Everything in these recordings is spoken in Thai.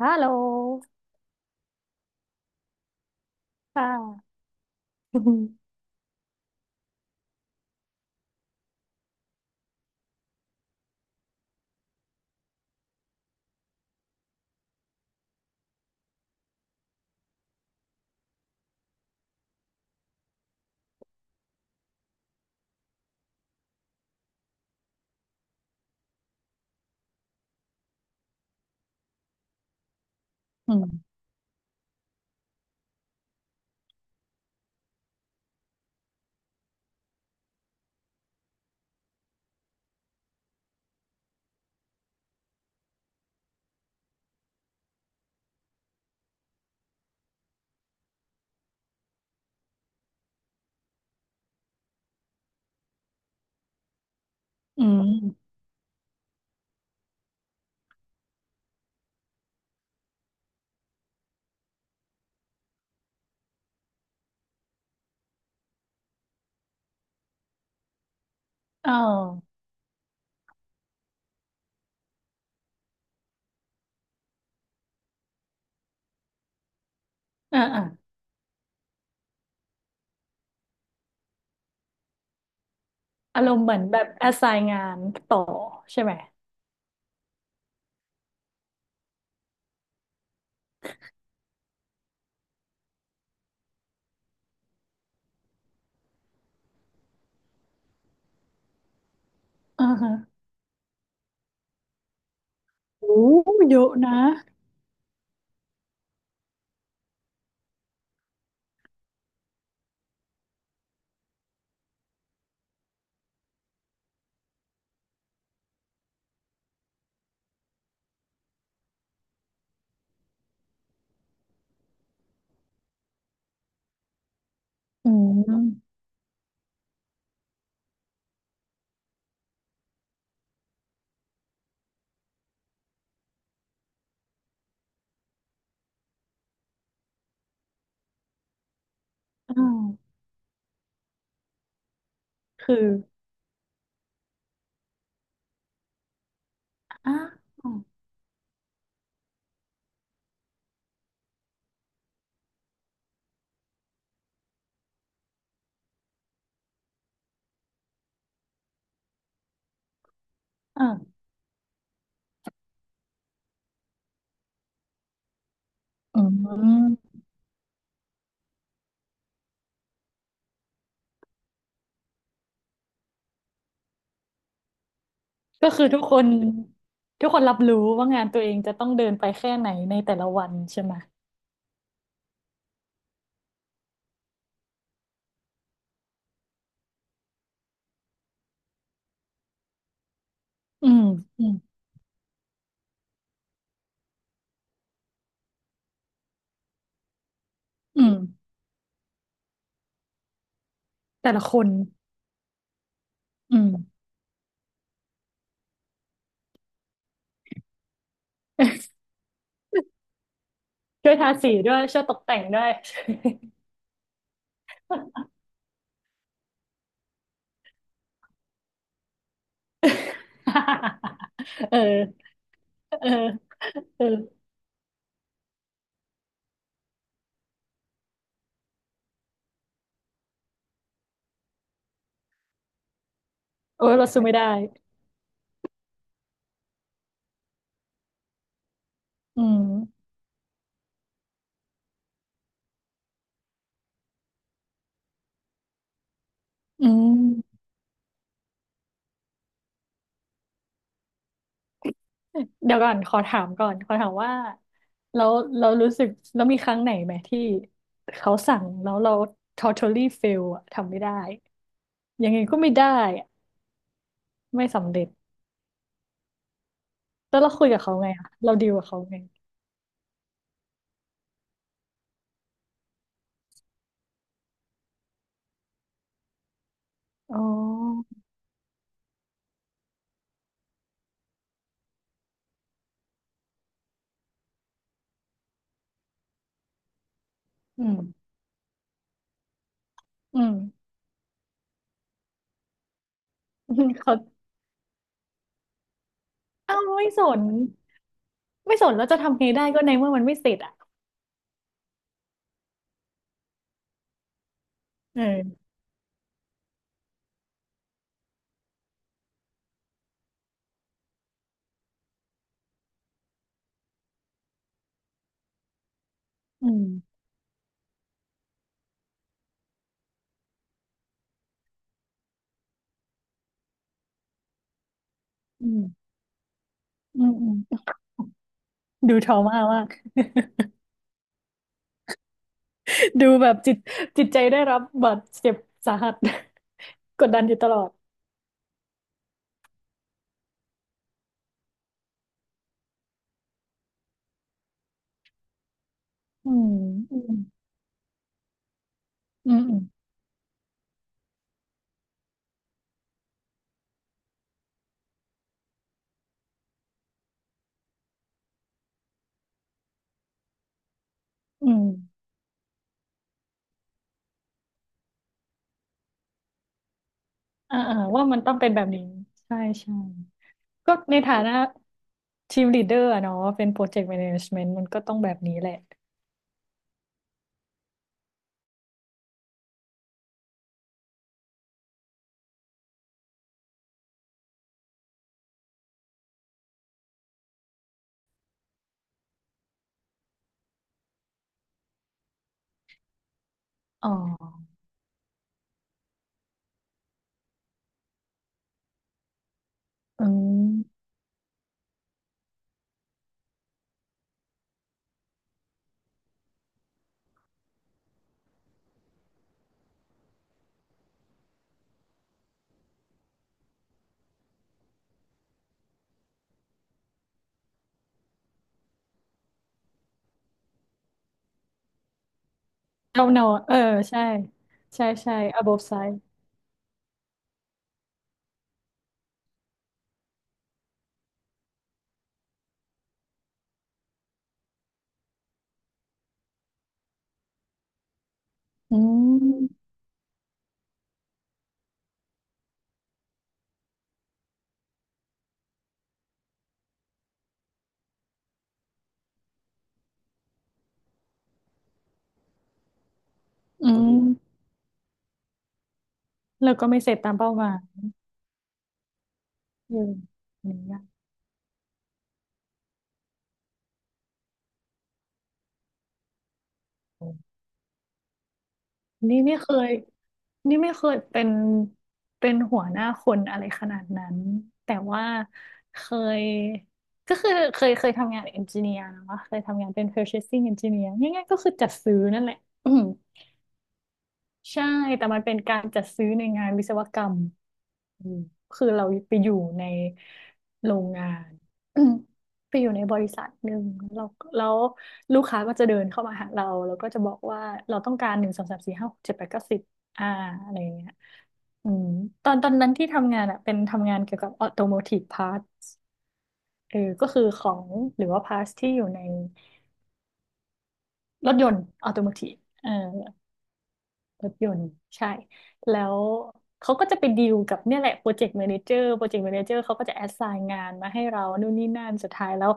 ฮัลโหลค่ะอืมอืมอืมเอออ่าอ่าอารมณ์เหมือนแบบแอสไซน์งานต่อใช่ไหมอ่าฮะโอ้เยอะนะอืมอ่าคืออ่าอ่าอืมก็คือทุกคนรับรู้ว่างานตัวเองจะต้องเดินไปแค่ไหนในแต่ละวันใช่ไหมอืมอืมอืมแต่ละคนอืม ช่วยทาสีด้วยช่วยตกแต่งด้วย เออเออเออโอ้ยเราสู้ไม่ได้อืมอืมเดี๋ยวก่อนขอถามก่อนขอถามว่าแล้วเรารู้สึกแล้วมีครั้งไหนไหมที่เขาสั่งแล้วเรา totally fail อะทำไม่ได้ยังไงก็ไม่ได้อะไม่สำเร็จแล้วเราคุยกับเขาไงอะเราดีลกับเขาไงอ๋ออืมอืมเขาเอ้าไม่สนไม่สนแล้วจะทำไงได้ก็ในเมื่อมันไม่เสร็จอ่ะเอออืมอืมอืมอืม ดูทรมามากดูแบบจิตใจได้รับบาดเจ็บสาหัส กดดันอยู่ตลอดอืมอืมอืมอืมอ่าอ่าว่ามันต้องเป็นแบบนี้ใช่ใช่ก็ในฐานะทีมลีดเดอร์อะเนาะเป็นโปรเจกต์แมเนจเมนต์มันก็ต้องแบบนี้แหละอ๋ออืมเจ้าหนอเออใช่ใช่ใช่ above side อืมอืมแล้วก็ไม่เสร็จตามเป้าหมายอืมอย่างเงี้ย นี่ไม่เคยนี่ไม่เคยเป็นหัวหน้าคนอะไรขนาดนั้นแต่ว่าเคยก็คือเคยทำงานเอนจิเนียร์นะเคยทำงานเป็น purchasing engineer ง่ายๆก็คือจัดซื้อนั่นแหละ ใช่แต่มันเป็นการจัดซื้อในงานวิศวกรรมอืมคือเราไปอยู่ในโรงงาน ไปอยู่ในบริษัทหนึ่งเราแล้วลูกค้าก็จะเดินเข้ามาหาเราแล้วก็จะบอกว่าเราต้องการหนึ่งสองสามสี่ห้าหกเจ็ดแปดเก้าสิบอ่าอะไรอย่างเงี้ยอืมตอนนั้นที่ทำงานอ่ะเป็นทำงานเกี่ยวกับออโตโมทีฟพาร์ทเออก็คือของหรือว่าพาร์ทที่อยู่ในรถยนต์ออโตโมทีฟเออ รถยนต์ใช่แล้วเขาก็จะไปดีลกับเนี่ยแหละโปรเจกต์แมเนเจอร์โปรเจกต์แมเนเจอร์เขาก็จะแอสไซน์งานมาให้เรานู่นนี่นั่นสุดท้ายแล้ว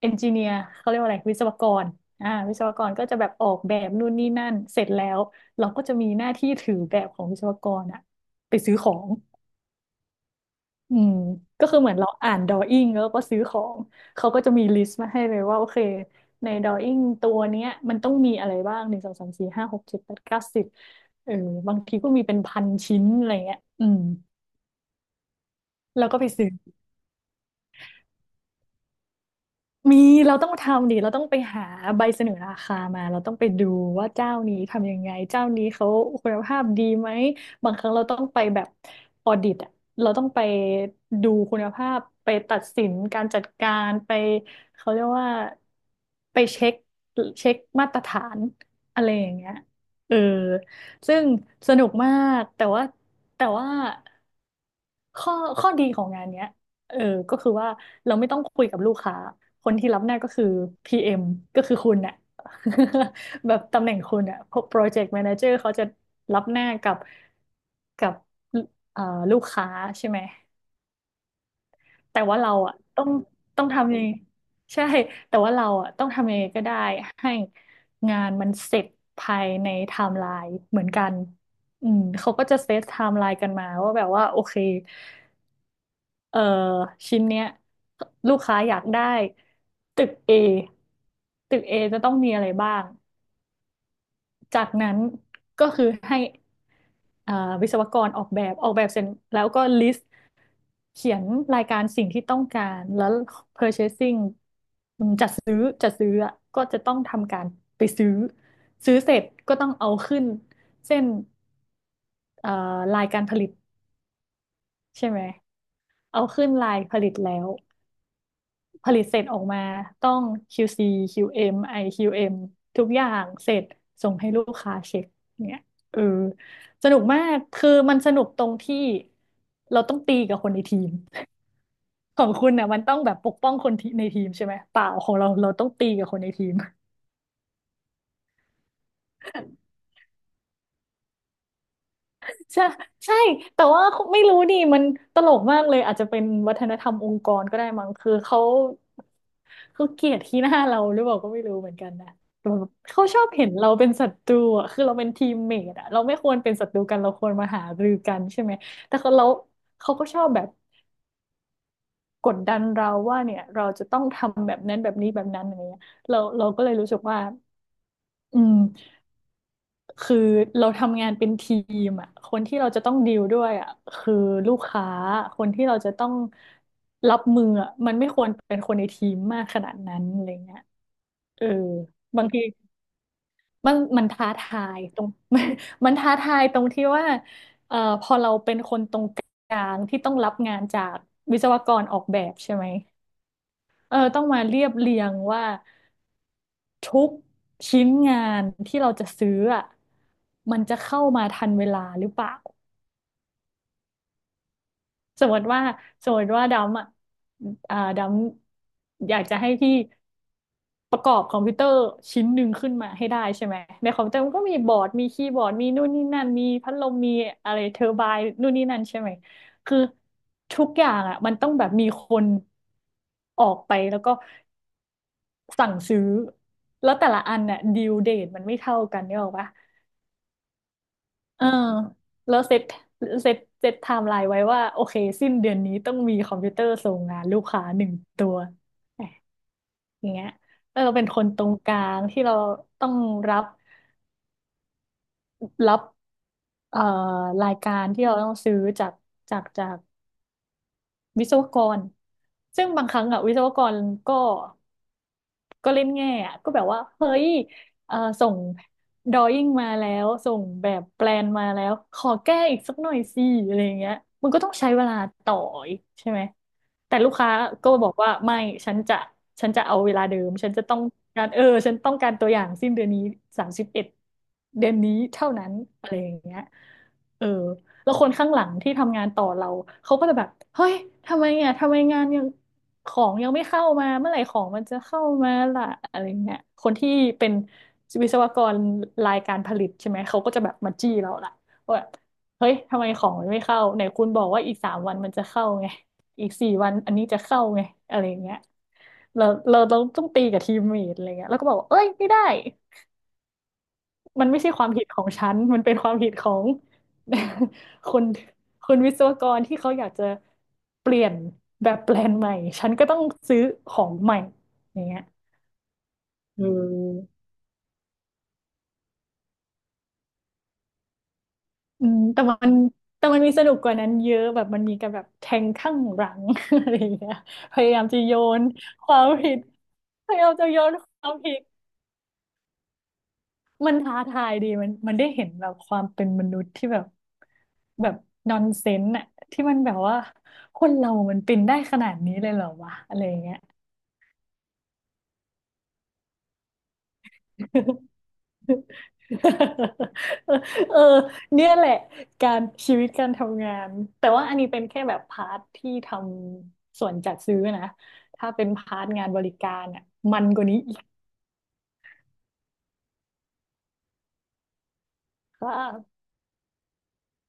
เอนจิเนียร์เขาเรียกว่าอะไรวิศวกรวิศวกรก็จะแบบออกแบบนู่นนี่นั่นเสร็จแล้วเราก็จะมีหน้าที่ถือแบบของวิศวกรอะไปซื้อของ อืมก็คือเหมือนเราอ่านดอออิง g แล้วก็ซื้อของเขาก็จะมีลิสต์มาให้เลยว่าโอเคในดอออิงตัวเนี้ยมันต้องมีอะไรบ้างหนึ่งสองสามสี่ห้าหกเจ็ดแปดเก้าสิบเออบางทีก็มีเป็นพันชิ้นอะไรเงี้ยอืมแล้วก็ไปซื้อ มีเราต้องทำดิเราต้องไปหาใบเสนอราคามาเราต้องไปดูว่าเจ้านี้ทำยังไงเจ้านี้เขาคุณภาพดีไหมบางครั้งเราต้องไปแบบออดิตอะเราต้องไปดูคุณภาพไปตัดสินการจัดการไปเขาเรียกว่าไปเช็คเช็คมาตรฐานอะไรอย่างเงี้ยเออซึ่งสนุกมากแต่ว่า ข้อข้อดีของงานเนี้ยเออก็คือว่าเราไม่ต้องคุยกับลูกค้าคนที่รับหน้าก็คือ PM ก็คือคุณน่ะ แบบตำแหน่งคุณน่ะ Project Manager เขาจะรับหน้ากับกับเอ่อลูกค้าใช่ไหมแต่ว่าเราอ่ะต้องทำยังไงใช่แต่ว่าเราอ่ะต้องทำยังไงก็ได้ให้งานมันเสร็จภายในไทม์ไลน์เหมือนกันอืมเขาก็จะเซตไทม์ไลน์กันมาว่าแบบว่าโอเค เอ่อชิ้นเนี้ยลูกค้าอยากได้ตึก A ตึก A จะต้องมีอะไรบ้างจากนั้นก็คือให้อ่าวิศวกรออกแบบออกแบบเสร็จแล้วก็ลิสต์เขียนรายการสิ่งที่ต้องการแล้ว purchasing อืมจัดซื้ออะก็จะต้องทำการไปซื้อซื้อเสร็จก็ต้องเอาขึ้นเส้นเอ่อลายการผลิตใช่ไหมเอาขึ้นลายผลิตแล้ว ผลิตเสร็จออกมาต้อง QC QM IQM ทุกอย่างเสร็จส่งให้ลูกค้าเช็คเนี่ยเออสนุกมากคือมันสนุกตรงที่เราต้องตีกับคนในทีมของคุณเนี่ยมันต้องแบบปกป้องคนที่ในทีมใช่ไหมเปล่าของเราเราต้องตีกับคนในทีม ใช่ใช่แต่ว่าไม่รู้ดิมันตลกมากเลยอาจจะเป็นวัฒนธรรมองค์กรก็ได้มั้งคือเขาเกลียดขี้หน้าเราหรือเปล่าก็ไม่รู้เหมือนกันนะแต่แบบเขาชอบเห็นเราเป็นศัตรูอ่ะคือเราเป็นทีมเมทอ่ะเราไม่ควรเป็นศัตรูกันเราควรมาหารือกันใช่ไหมแต่เขาเราเขาก็ชอบแบบกดดันเราว่าเนี่ยเราจะต้องทำแบบนั้นแบบนี้แบบนั้นอะไรเงี้ยเราก็เลยรู้สึกว่าอืม คือเราทำงานเป็นทีมอ่ะคนที่เราจะต้องดีลด้วยอ่ะคือลูกค้าคนที่เราจะต้องรับมืออ่ะมันไม่ควรเป็นคนในทีมมากขนาดนั้นอะไรเงี้ยเออบางทีมันท้าทายตรง มัน มันท้าทายตรงที่ว่าพอเราเป็นคนตรงกลางที่ต้องรับงานจากวิศวกรออกแบบใช่ไหมเออต้องมาเรียบเรียงว่าทุกชิ้นงานที่เราจะซื้ออะมันจะเข้ามาทันเวลาหรือเปล่า สมมติว่าสมมติว่าดำอ่ะอ่าดำอยากจะให้พี่ประกอบคอมพิวเตอร์ชิ้นหนึ่งขึ้นมาให้ได้ใช่ไหมในคอมพิวเตอร์มันก็มีบอร์ดมีคีย์บอร์ดมีนู่นนี่นั่นมีพัดลมมีอะไรเทอร์ไบน์นู่นนี่นั่นใช่ไหมคือทุกอย่างอ่ะมันต้องแบบมีคนออกไปแล้วก็สั่งซื้อแล้วแต่ละอันน่ะดิวเดทมันไม่เท่ากันเนี่ยหรอกปะ เออแล้วเซตไทม์ไลน์ไว้ว่าโอเคสิ้นเดือนนี้ต้องมีคอมพิวเตอร์ส่งงานลูกค้าหนึ่งตัวแหมอย่างเงี้ยแล้วเราเป็นคนตรงกลางที่เราต้องรับรับเอ่อรายการที่เราต้องซื้อจากจากจากวิศวกรซึ่งบางครั้งอะวิศวกรก็ ก็เล่นแง่อะก็แบบว่าเฮ้ยส่งดรอยิ่งมาแล้วส่งแบบแปลนมาแล้วขอแก้อีกสักหน่อยสิอะไรอย่างเงี้ยมันก็ต้องใช้เวลาต่ออีกใช่ไหมแต่ลูกค้าก็บอกว่าไม่ฉันจะฉันจะเอาเวลาเดิมฉันจะต้องการเออฉันต้องการตัวอย่างสิ้นเดือนนี้31เดือนนี้เท่านั้นอะไรอย่างเงี้ยเออแล้วคนข้างหลังที่ทำงานต่อเราเขาก็จะแบบเฮ้ยทำไมอ่ะทำไมงานยัง ของยังไม่เข้ามาเมื่อไหร่ของมันจะเข้ามาล่ะอะไรเงี้ยคนที่เป็นวิศวกรรายการผลิตใช่ไหมเขาก็จะแบบมาจี้เราล่ะว่าแบบเฮ้ยทำไมของมันไม่เข้าไหนคุณบอกว่าอีก3 วันมันจะเข้าไงอีก4 วันอันนี้จะเข้าไงอะไรเงี้ยเราต้องตีกับทีมเมทอะไรเงี้ยแล้วก็บอกว่าเอ้ยไม่ได้ มันไม่ใช่ความผิดของฉัน มันเป็นความผิดของ คนคนวิศวกรที่เขาอยากจะเปลี่ยนแบบแปลนใหม่ ฉันก็ต้องซื้อของใหม่อย่างเงี้ยอืมอืมแต่มันมีสนุกกว่านั้นเยอะแบบมันมีการแบบแทงข้างหลัง อะไรอย่างเงี้ยพยายามจะโยนความผิดพยายามจะโยนความผิด มันท้าทายดีมันมันได้เห็นแบบความเป็นมนุษย์ที่แบบแบบนอนเซนส์อะที่มันแบบว่าคนเรามันเป็นได้ขนาดนี้เลยเหรอวะอะไรอย่างเงี้ย เออเนี่ยแหละการชีวิตการทำงานแต่ว่าอันนี้เป็นแค่แบบพาร์ทที่ทำส่วนจัดซื้อนะถ้าเป็นพาร์ทงานบริการอ่ะมันกว่านี้อีก ค่ะ